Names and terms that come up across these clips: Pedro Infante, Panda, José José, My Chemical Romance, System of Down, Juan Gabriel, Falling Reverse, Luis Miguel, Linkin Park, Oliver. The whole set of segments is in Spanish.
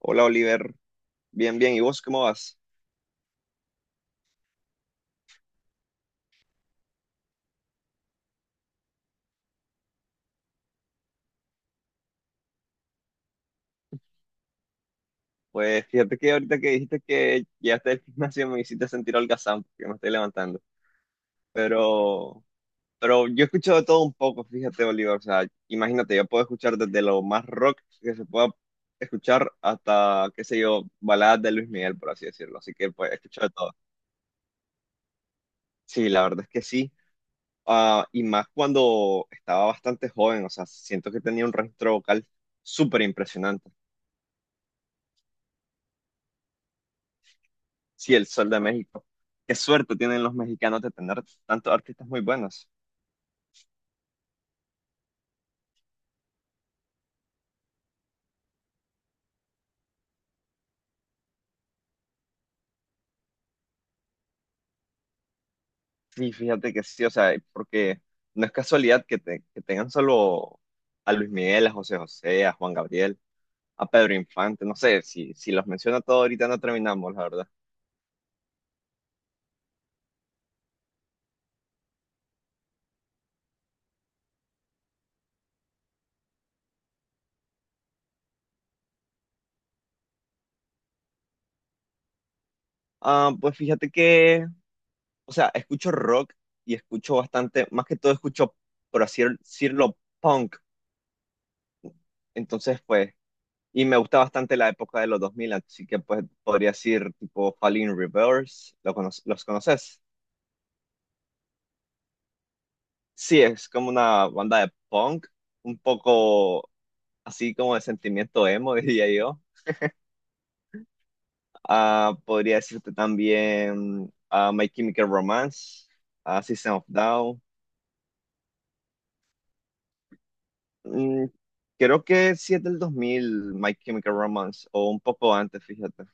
Hola Oliver, bien, bien. ¿Y vos cómo vas? Pues fíjate que ahorita que dijiste que llegaste del gimnasio me hiciste sentir holgazán porque me estoy levantando. Pero, pero yo escucho de todo un poco, fíjate Oliver. O sea, imagínate, yo puedo escuchar desde lo más rock que se pueda escuchar hasta, qué sé yo, baladas de Luis Miguel, por así decirlo. Así que pues escucho de todo. Sí, la verdad es que sí. Ah, y más cuando estaba bastante joven, o sea, siento que tenía un registro vocal súper impresionante. Sí, el Sol de México. Qué suerte tienen los mexicanos de tener tantos artistas muy buenos. Sí, fíjate que sí, o sea, porque no es casualidad que, que tengan solo a Luis Miguel, a José José, a Juan Gabriel, a Pedro Infante, no sé, si los menciono todos ahorita no terminamos, la verdad. Ah, pues fíjate que, o sea, escucho rock y escucho bastante, más que todo escucho, por así decirlo, punk. Entonces, pues, y me gusta bastante la época de los dos mil, así que pues podría decir tipo Falling Reverse, ¿los conoces? Sí, es como una banda de punk, un poco así como de sentimiento emo, diría yo. Ah, podría decirte también My Chemical Romance, ah, System of Down. Mm, creo que sí es del 2000, My Chemical Romance, o un poco antes, fíjate.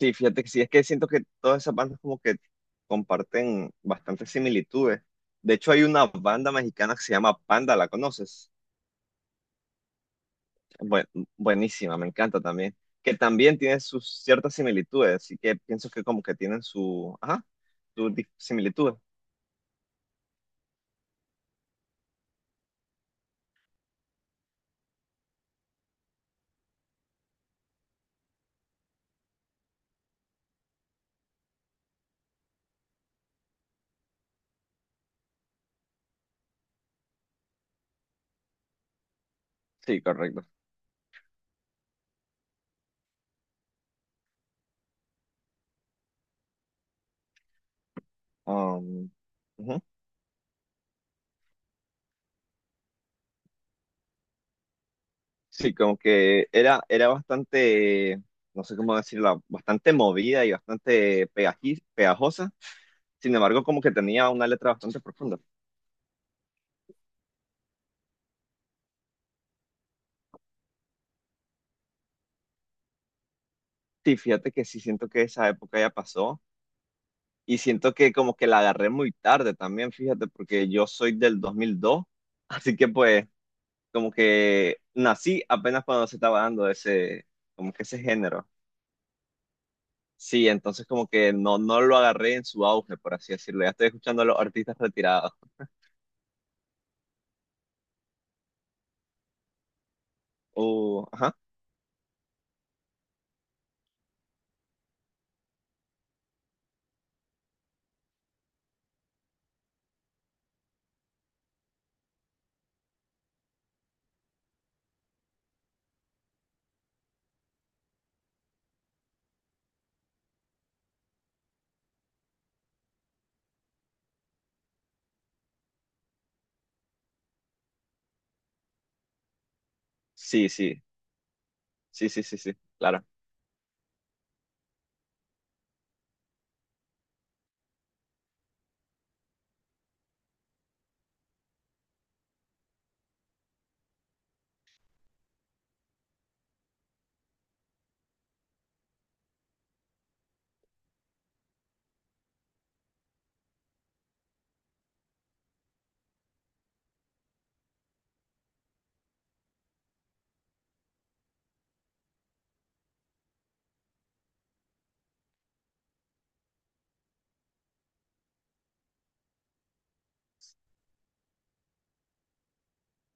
Sí, fíjate que sí, es que siento que todas esas bandas como que comparten bastantes similitudes. De hecho, hay una banda mexicana que se llama Panda, ¿la conoces? Buen- Buenísima, me encanta también. Que también tiene sus ciertas similitudes, así que pienso que como que tienen su, ajá, similitudes. Sí, correcto. Um, Ujú. Sí, como que era bastante, no sé cómo decirlo, bastante movida y bastante pegajosa. Sin embargo, como que tenía una letra bastante profunda. Sí, fíjate que sí, siento que esa época ya pasó y siento que como que la agarré muy tarde también, fíjate, porque yo soy del 2002, así que pues como que nací apenas cuando se estaba dando ese, como que ese género. Sí, entonces como que no, no lo agarré en su auge, por así decirlo. Ya estoy escuchando a los artistas retirados. Ajá. Sí, sí, sí, sí, sí, sí, claro.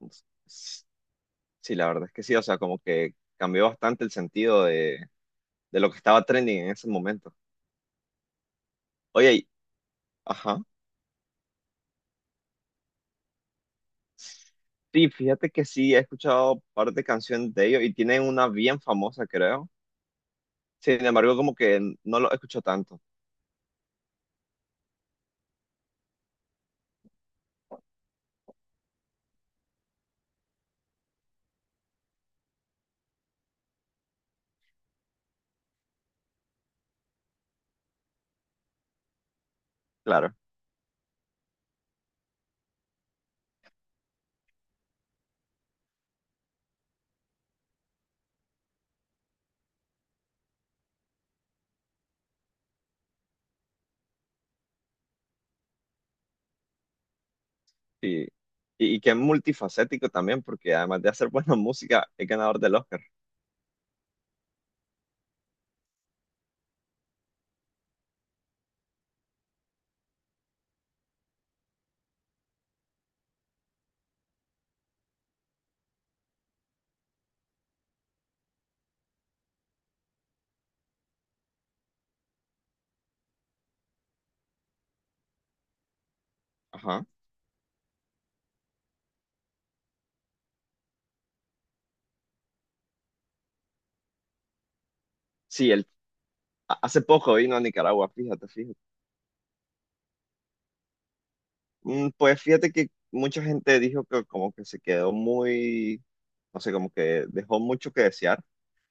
S- Sí, la verdad es que sí, o sea, como que cambió bastante el sentido de lo que estaba trending en ese momento. Oye, y- ajá. Sí, fíjate que sí, he escuchado un par de canciones de ellos y tienen una bien famosa, creo. Sin embargo, como que no lo escucho tanto, claro. Y, y, y que es multifacético también, porque además de hacer buena música, es ganador del Oscar. Ajá. Sí, hace poco vino a Nicaragua, fíjate, fíjate. Mm, pues fíjate que mucha gente dijo que como que se quedó muy, no sé, como que dejó mucho que desear.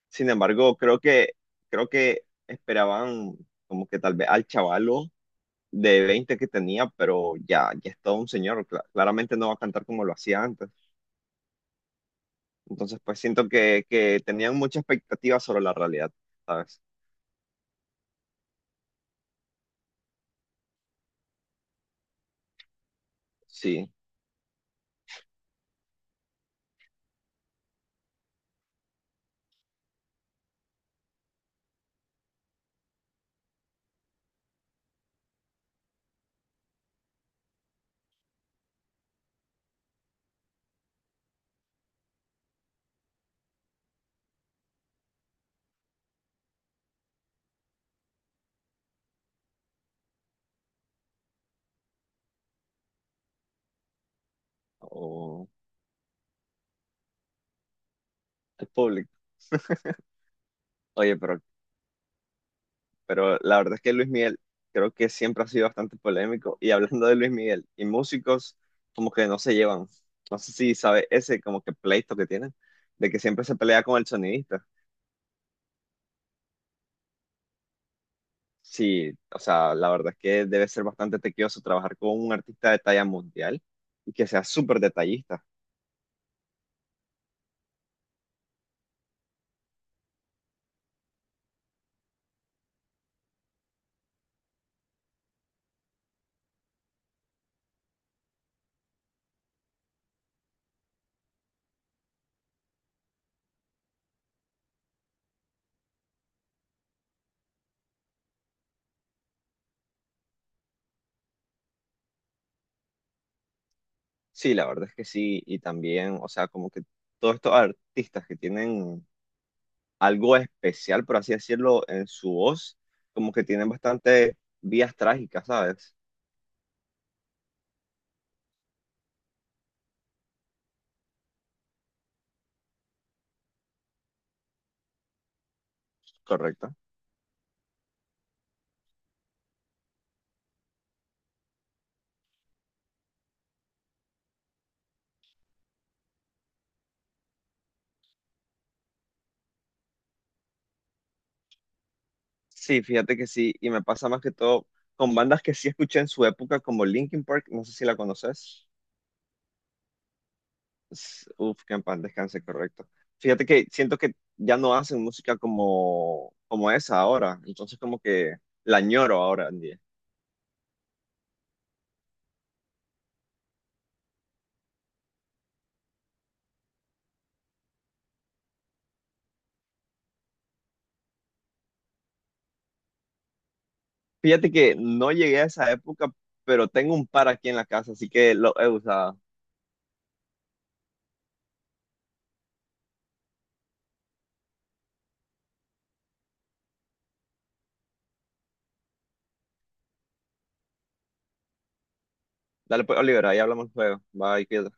Sin embargo, creo que esperaban como que tal vez al chavalo de 20 que tenía, pero ya, ya es todo un señor, claramente no va a cantar como lo hacía antes. Entonces, pues siento que tenían mucha expectativa sobre la realidad, ¿sabes? Sí, o el público. Oye, pero, pero la verdad es que Luis Miguel creo que siempre ha sido bastante polémico. Y hablando de Luis Miguel y músicos, como que no se llevan. No sé si sabe ese como que pleito que tienen, de que siempre se pelea con el sonidista. Sí, o sea, la verdad es que debe ser bastante tequioso trabajar con un artista de talla mundial y que sea súper detallista. Sí, la verdad es que sí, y también, o sea, como que todos estos artistas que tienen algo especial, por así decirlo, en su voz, como que tienen bastante vías trágicas, ¿sabes? Correcto. Sí, fíjate que sí, y me pasa más que todo con bandas que sí escuché en su época, como Linkin Park, no sé si la conoces. Uf, que en paz descanse, correcto. Fíjate que siento que ya no hacen música como, como esa ahora, entonces como que la añoro ahora en día. Fíjate que no llegué a esa época, pero tengo un par aquí en la casa, así que lo he usado. Dale pues, Oliver, ahí hablamos luego. Bye, cuídate.